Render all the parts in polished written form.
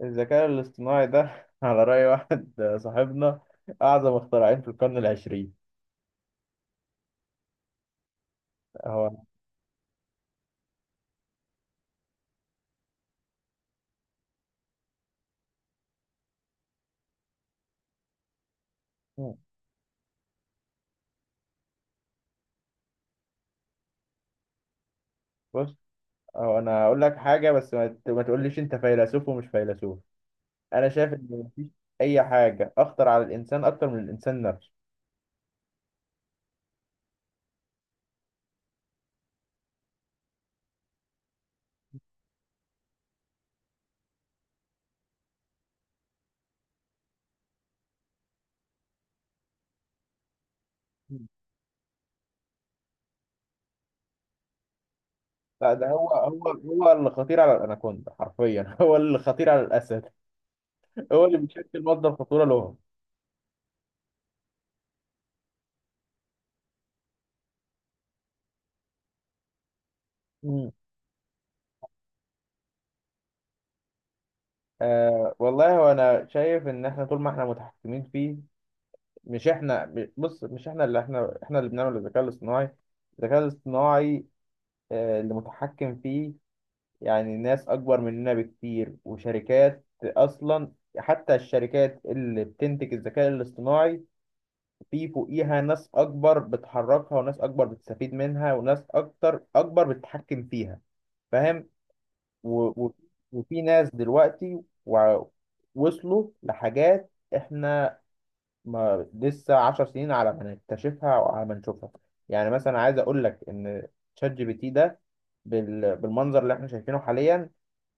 الذكاء الاصطناعي ده على رأي واحد صاحبنا، أعظم اختراعين في القرن العشرين هو. بص، هو أنا هقول لك حاجة، بس ما تقوليش أنت فيلسوف ومش فيلسوف. أنا شايف إن مفيش أي حاجة أخطر على الإنسان أكتر من الإنسان نفسه. لا، ده هو اللي خطير على الأناكوندا حرفيا هو اللي خطير على الأسد. هو اللي بيشكل مصدر خطورة لهم. مم. آه والله، هو أنا شايف إن إحنا طول ما إحنا متحكمين فيه. مش احنا، بص، مش احنا اللي احنا اللي بنعمل الذكاء الاصطناعي اللي متحكم فيه. يعني ناس اكبر مننا بكتير، وشركات اصلا. حتى الشركات اللي بتنتج الذكاء الاصطناعي، في فوقيها ناس اكبر بتحركها، وناس اكبر بتستفيد منها، وناس اكتر اكبر بتتحكم فيها. فاهم؟ و- و- وفي ناس دلوقتي وصلوا لحاجات احنا ما لسه 10 سنين على ما نكتشفها او على ما نشوفها. يعني مثلا عايز اقول لك ان شات جي بي تي ده بالمنظر اللي احنا شايفينه حاليا،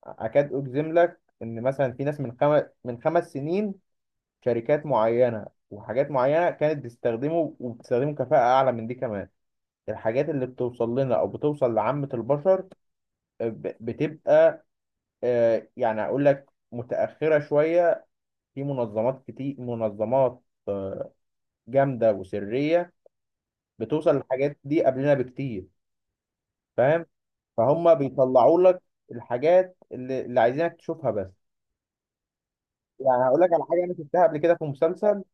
اكاد اجزم لك ان مثلا في ناس من 5 سنين، شركات معينه وحاجات معينه كانت بتستخدمه وبتستخدمه كفاءه اعلى من دي كمان. الحاجات اللي بتوصل لنا او بتوصل لعامه البشر، بتبقى، يعني اقول لك متاخره شويه. في منظمات كتير، منظمات جامده وسريه، بتوصل الحاجات دي قبلنا بكتير. فاهم؟ فهم بيطلعوا لك الحاجات اللي عايزينك تشوفها بس. يعني هقول لك على حاجه انا شفتها قبل كده في مسلسل،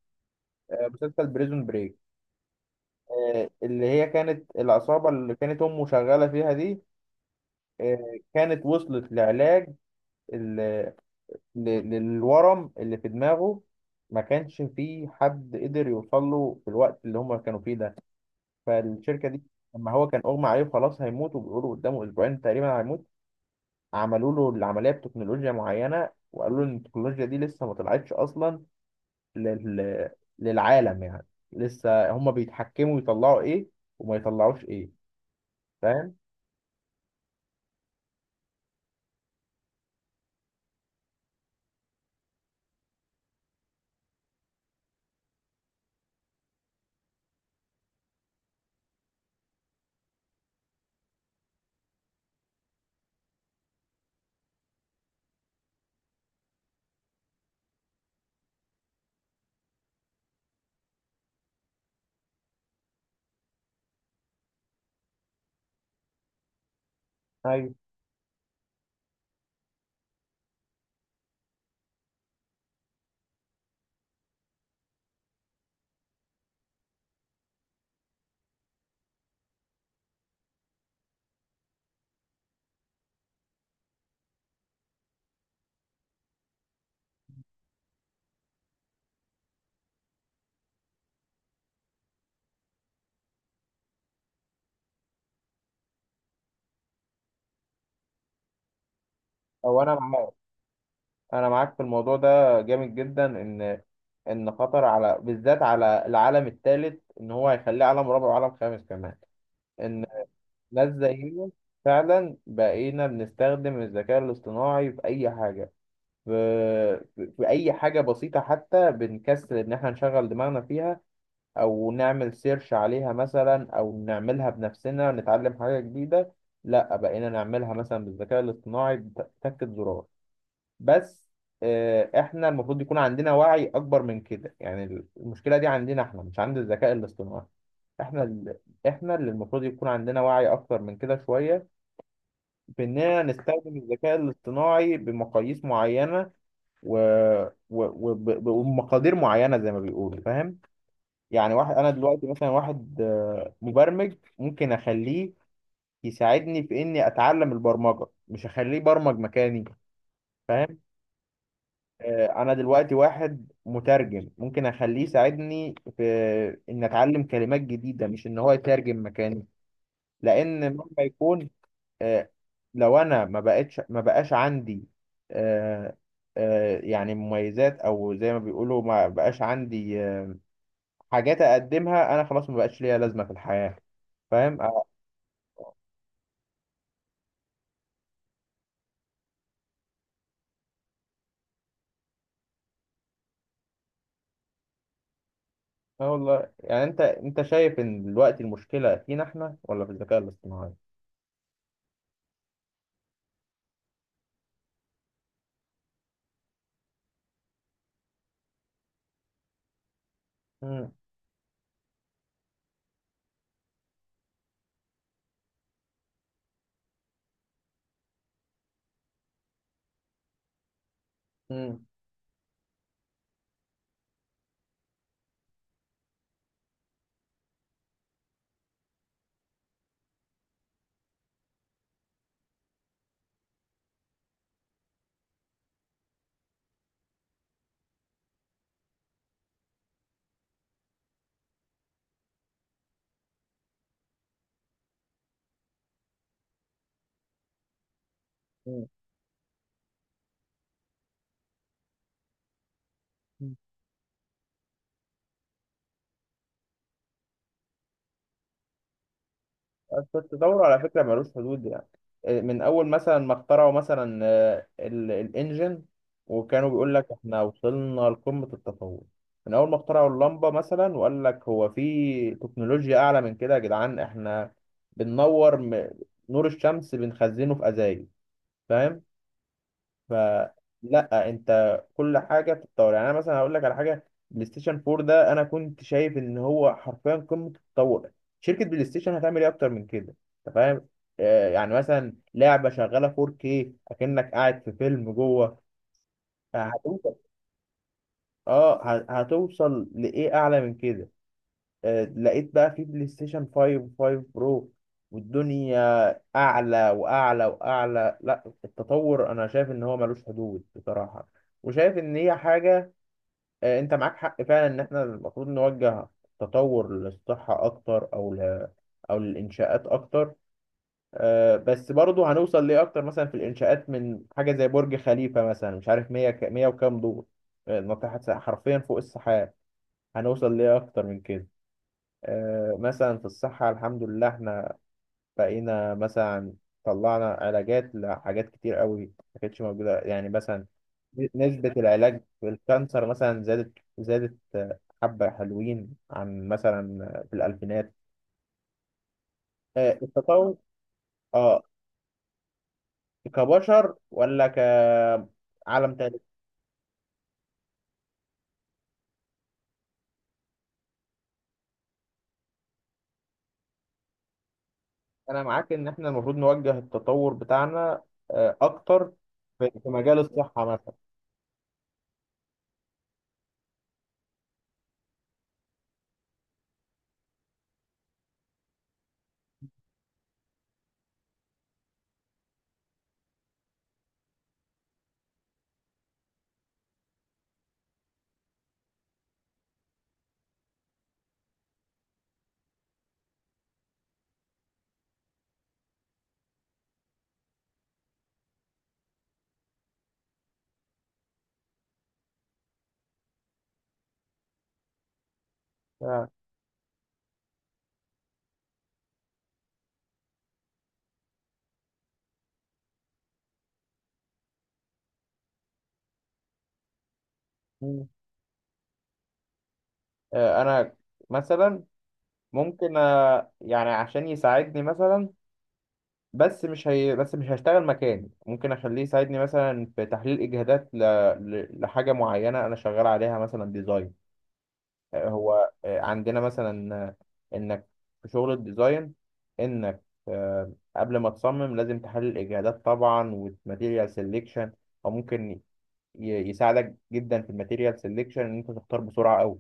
مسلسل بريزون بريك، اللي هي كانت العصابه اللي كانت امه شغاله فيها دي، كانت وصلت لعلاج ال- ل- للورم اللي في دماغه. ما كانش فيه حد قدر يوصل له في الوقت اللي هم كانوا فيه ده. فالشركه دي، لما هو كان اغمى عليه وخلاص هيموت، وبيقولوا قدامه اسبوعين تقريبا هيموت، عملوا له العمليه بتكنولوجيا معينه، وقالوا له ان التكنولوجيا دي لسه ما طلعتش اصلا لل... للعالم يعني. لسه هم بيتحكموا يطلعوا ايه وما يطلعوش ايه. فاهم؟ ايوه. او انا معاك، انا معاك في الموضوع ده جامد جدا ان ان خطر، على بالذات على العالم الثالث، ان هو هيخليه عالم رابع وعالم خامس كمان. ان ناس زينا فعلا بقينا بنستخدم الذكاء الاصطناعي في اي حاجه، في في اي حاجه بسيطه. حتى بنكسل ان احنا نشغل دماغنا فيها، او نعمل سيرش عليها مثلا، او نعملها بنفسنا نتعلم حاجه جديده. لا، بقينا نعملها مثلا بالذكاء الاصطناعي بتكة زرار بس. احنا المفروض يكون عندنا وعي اكبر من كده يعني. المشكله دي عندنا احنا، مش عند الذكاء الاصطناعي. احنا ال- احنا اللي المفروض يكون عندنا وعي اكتر من كده شويه، باننا نستخدم الذكاء الاصطناعي بمقاييس معينه و... وبمقادير معينه، زي ما بيقولوا. فاهم؟ يعني واحد، انا دلوقتي مثلا، واحد مبرمج ممكن اخليه يساعدني في اني اتعلم البرمجه، مش اخليه برمج مكاني. فاهم؟ انا دلوقتي واحد مترجم ممكن اخليه يساعدني في ان اتعلم كلمات جديده، مش ان هو يترجم مكاني. لان مهما يكون آه، لو انا ما بقاش عندي آه، يعني مميزات، او زي ما بيقولوا ما بقاش عندي حاجات اقدمها انا، خلاص ما بقاش ليا لازمه في الحياه. فاهم؟ اه. آه والله، يعني انت شايف ان دلوقتي المشكله فينا احنا ولا في الذكاء الاصطناعي؟ مم. مم. مم. التطور على فكرة ملوش حدود يعني. من أول مثلا ما اخترعوا مثلا الإنجن، وكانوا بيقول لك إحنا وصلنا لقمة التطور. من أول ما اخترعوا اللمبة مثلا، وقال لك هو في تكنولوجيا أعلى من كده يا جدعان، إحنا بننور نور الشمس بنخزنه في أزايز. فاهم؟ فلا، انت كل حاجه بتتطور يعني. انا مثلا هقول لك على حاجه، بلاي ستيشن 4 ده انا كنت شايف ان هو حرفيا قمه التطور. شركه بلاي ستيشن هتعمل ايه اكتر من كده؟ انت فاهم؟ يعني مثلا لعبه شغاله 4K، اكنك قاعد في فيلم جوه. هتوصل. اه، هتوصل لايه اعلى من كده؟ لقيت بقى في بلاي ستيشن 5 5 برو، والدنيا اعلى واعلى واعلى. لا، التطور انا شايف ان هو ملوش حدود بصراحه، وشايف ان هي حاجه. انت معاك حق فعلا ان احنا المفروض نوجه التطور للصحه اكتر، او للانشاءات اكتر. بس برضه هنوصل ليه اكتر مثلا في الانشاءات من حاجه زي برج خليفه مثلا، مش عارف 100 100 وكام دور. ناطحه حرفيا فوق السحاب. هنوصل ليه اكتر من كده؟ مثلا في الصحة الحمد لله احنا بقينا مثلا طلعنا علاجات لحاجات كتير قوي ما كانتش موجودة. يعني مثلا نسبة العلاج في الكانسر مثلا زادت زادت حبة حلوين عن مثلا في الألفينات. التطور اه كبشر ولا كعالم تاني؟ أنا معاك إن احنا المفروض نوجه التطور بتاعنا أكتر في مجال الصحة مثلا. آه، مم. أنا مثلا، ممكن يعني عشان يساعدني مثلا. بس مش هشتغل مكاني، ممكن اخليه يساعدني مثلا في تحليل اجهادات لحاجه معينه انا شغال عليها مثلا، ديزاين. هو عندنا مثلا انك في شغل الديزاين، انك قبل ما تصمم لازم تحلل الاجهادات طبعا والماتيريال سيلكشن. او ممكن يساعدك جدا في الماتيريال سيلكشن ان انت تختار بسرعه قوي.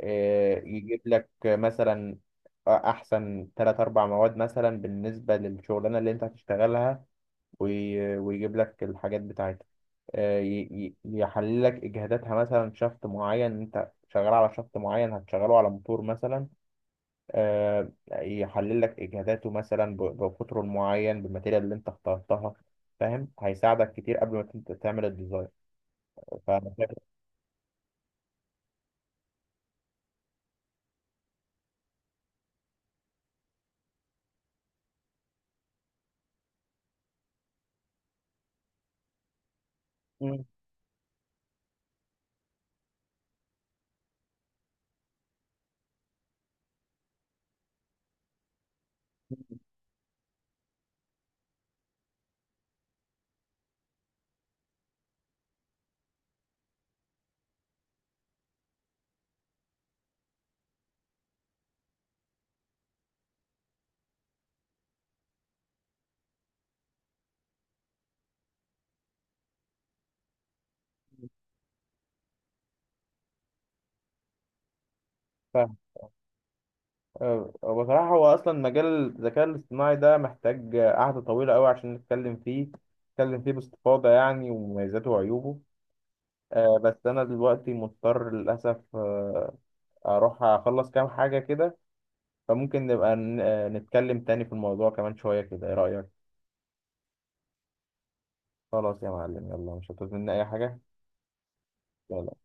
يجيب لك مثلا احسن ثلاث اربع مواد مثلا بالنسبه للشغلانه اللي انت هتشتغلها، ويجيب لك الحاجات بتاعتها. يحلل لك اجهاداتها مثلا، شفط معين انت شغال على شفط معين هتشغله على موتور مثلا. يحلل لك اجهاداته مثلا بقطره المعين بالماتيريال اللي انت اخترتها. فاهم؟ هيساعدك كتير قبل ما انت تعمل الديزاين. فانا شايف. آه، بصراحة هو أصلا مجال الذكاء الاصطناعي ده محتاج قعدة طويلة أوي عشان نتكلم فيه، نتكلم فيه باستفاضة يعني ومميزاته وعيوبه. بس أنا دلوقتي مضطر للأسف أروح أخلص كام حاجة كده. فممكن نبقى نتكلم تاني في الموضوع كمان شوية كده، إيه رأيك؟ خلاص يا معلم، يلا، مش هتظن أي حاجة؟ يلا.